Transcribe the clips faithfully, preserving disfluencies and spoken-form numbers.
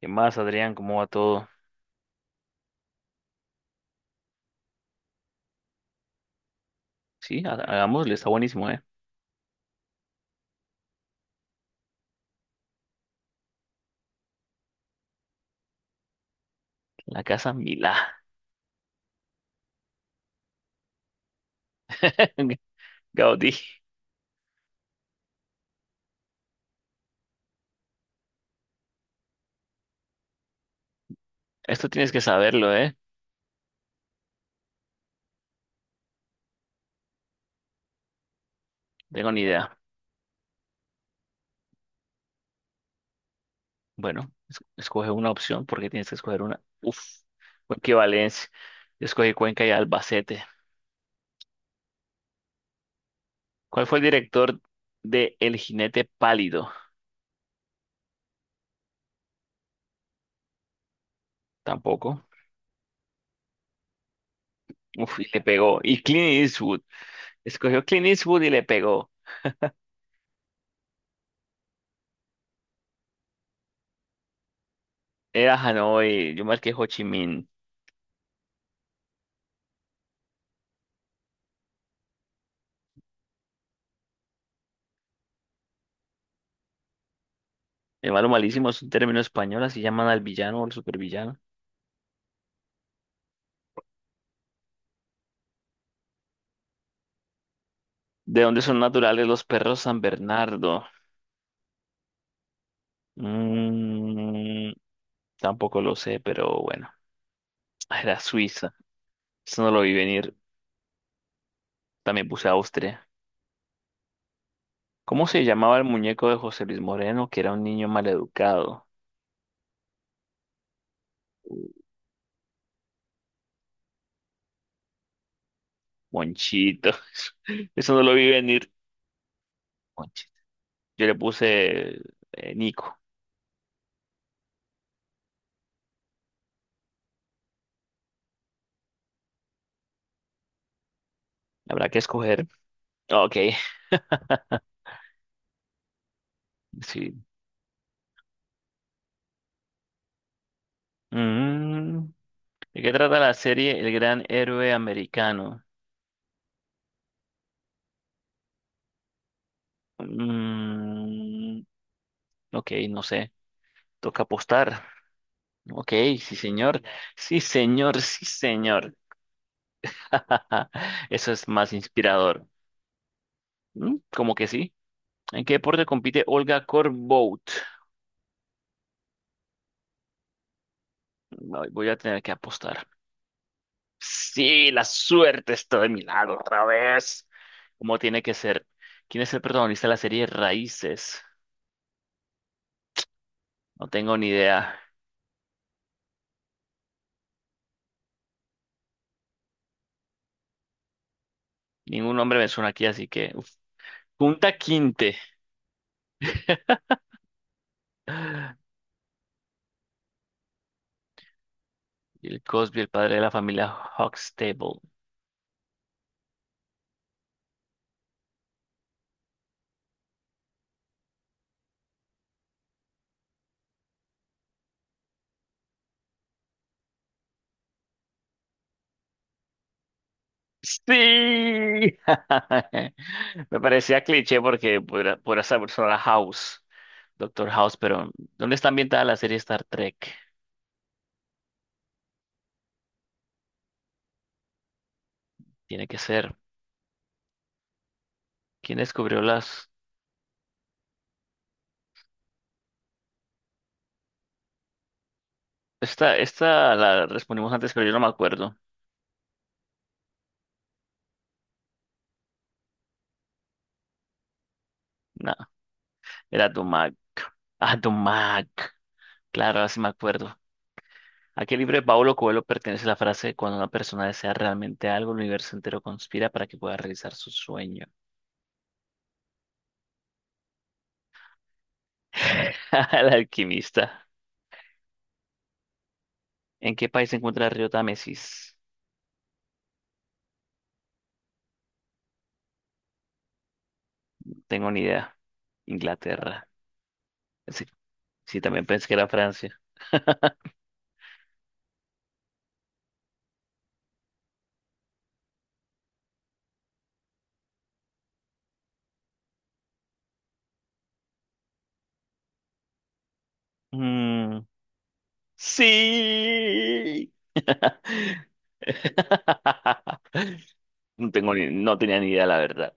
¿Qué más, Adrián? ¿Cómo va todo? Sí, ha- hagámosle, está buenísimo, ¿eh? La casa Milá. Gaudí, esto tienes que saberlo, ¿eh? Tengo ni idea. Bueno, es- escoge una opción porque tienes que escoger una. Uf, bueno, qué Valencia. Yo escogí Cuenca y Albacete. ¿Cuál fue el director de El Jinete Pálido? Tampoco. Uf, y le pegó. Y Clint Eastwood. Escogió Clint Eastwood y le pegó. Era Hanoi, yo marqué Ho Chi Minh. El malo malísimo es un término español, así llaman al villano o al supervillano. ¿De dónde son naturales los perros San Bernardo? Mm, tampoco lo sé, pero bueno. Ah, era Suiza. Eso no lo vi venir. También puse Austria. ¿Cómo se llamaba el muñeco de José Luis Moreno, que era un niño maleducado? Uh, Monchito. Eso no lo vi venir. Monchito. Yo le puse eh, Nico. Habrá que escoger. Ok, sí. Mm, ¿De qué trata la serie El Gran Héroe Americano? Mm, ok, no sé. Toca apostar. Ok, sí señor. Sí señor, sí señor. Eso es más inspirador. ¿Mm? Como que sí. ¿En qué deporte compite Olga Korbut? No, voy a tener que apostar. Sí, la suerte está de mi lado otra vez. ¿Cómo tiene que ser? ¿Quién es el protagonista de la serie Raíces? No tengo ni idea. Ningún nombre me suena aquí, así que... uf. Kunta Quinte. El Cosby, el padre de la familia Huxtable. Sí. Me parecía cliché porque podría, podría ser persona House, Doctor House, pero ¿dónde está ambientada la serie Star Trek? Tiene que ser. ¿Quién descubrió las? Esta, esta la respondimos antes, pero yo no me acuerdo. No, era Dumac. Ah, Dumac. Claro, así me acuerdo. ¿A qué libro de Paulo Coelho pertenece la frase cuando una persona desea realmente algo, el universo entero conspira para que pueda realizar su sueño? El alquimista. ¿En qué país se encuentra el río Támesis? Tengo ni idea. Inglaterra. Sí, sí, también pensé que era Francia. Mm, sí. No tengo ni- no tenía ni idea, la verdad.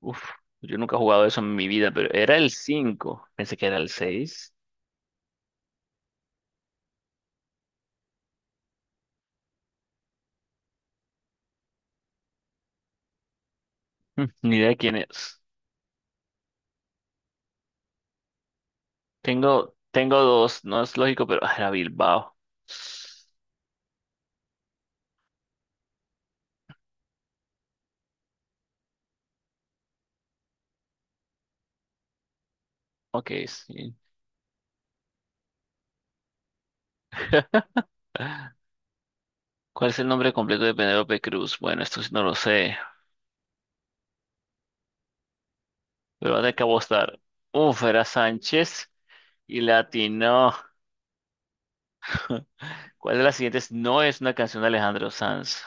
Uf, yo nunca he jugado eso en mi vida, pero era el cinco. Pensé que era el seis. Ni idea quién es. Tengo, tengo dos, no es lógico, pero ah, era Bilbao. Ok, sí. ¿Cuál es el nombre completo de Penélope Cruz? Bueno, esto sí no lo sé, pero va a tener que apostar. Uf, era Sánchez y Latino. ¿Cuál de las siguientes no es una canción de Alejandro Sanz?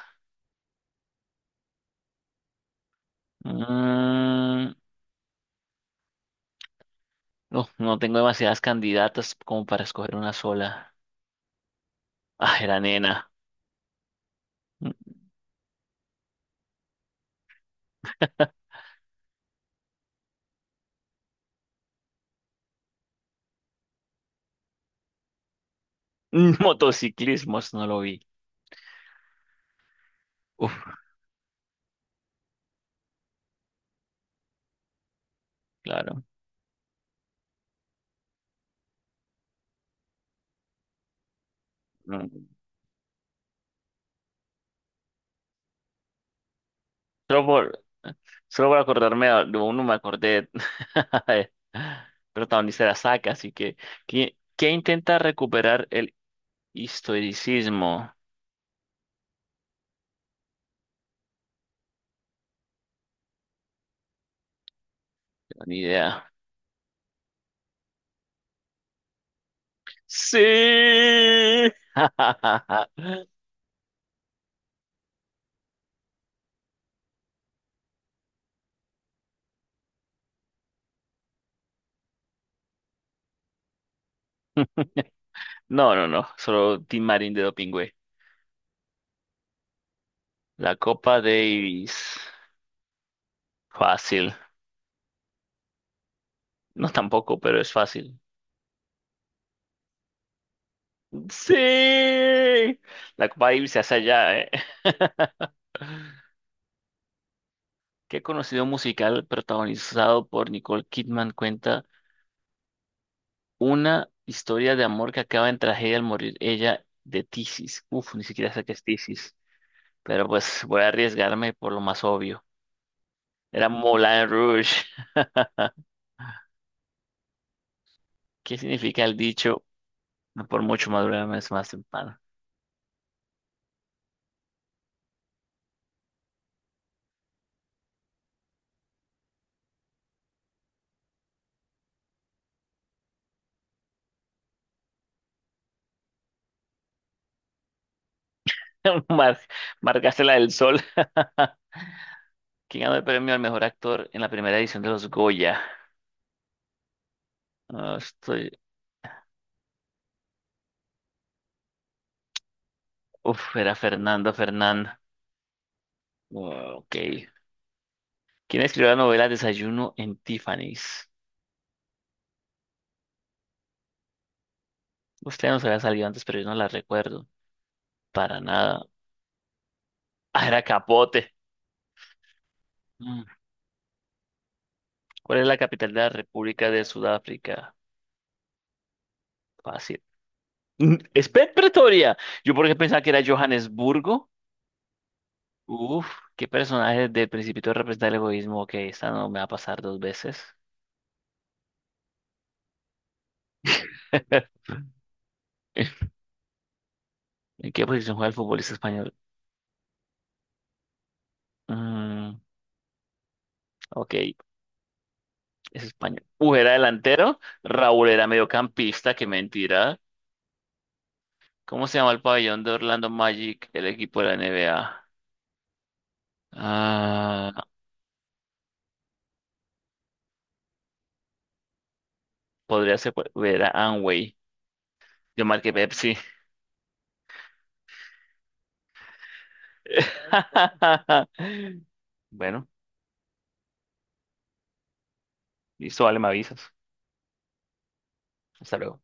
Mm, uf, no tengo demasiadas candidatas como para escoger una sola. Ah, era Nena. Mm, Motociclismos, no lo vi. Uf, claro. Mm. Solo por, solo por acordarme a- de uno me acordé. Protagonista de la saca, así que ¿quién, quién intenta recuperar el historicismo, ni idea. ¡Sí! No, no, no, solo Tim Marín de Dopingüe. La Copa Davis. Fácil. No tampoco, pero es fácil. ¡Sí! La Copa Davis se hace allá, ¿eh? ¿Qué conocido musical protagonizado por Nicole Kidman cuenta una historia de amor que acaba en tragedia al morir ella de tisis? Uf, ni siquiera sé qué es tisis, pero pues voy a arriesgarme por lo más obvio. Era Moulin Rouge. ¿Qué significa el dicho? "No por mucho madurar es más pan". Mar Marcaste la del sol. ¿Quién ganó el premio al mejor actor en la primera edición de los Goya? Ah, estoy... uf, era Fernando Fernán. Ah, ok. ¿Quién escribió la novela Desayuno en Tiffany's? Usted no se había salido antes, pero yo no la recuerdo. Para nada. Ah, era Capote. Mm. ¿Cuál es la capital de la República de Sudáfrica? Fácil. Mm, es Pe- Pretoria. Yo porque pensaba que era Johannesburgo. Uf, qué personaje del Principito representa el egoísmo. Ok, esta no me va a pasar dos veces. ¿En qué posición juega el futbolista español? Mm, ok, es español. Uh, era delantero. Raúl era mediocampista, qué mentira. ¿Cómo se llama el pabellón de Orlando Magic, el equipo de la N B A? Ah, podría ser, pues, era Anway. Yo marqué Pepsi. Bueno, listo, vale, me avisas. Hasta luego.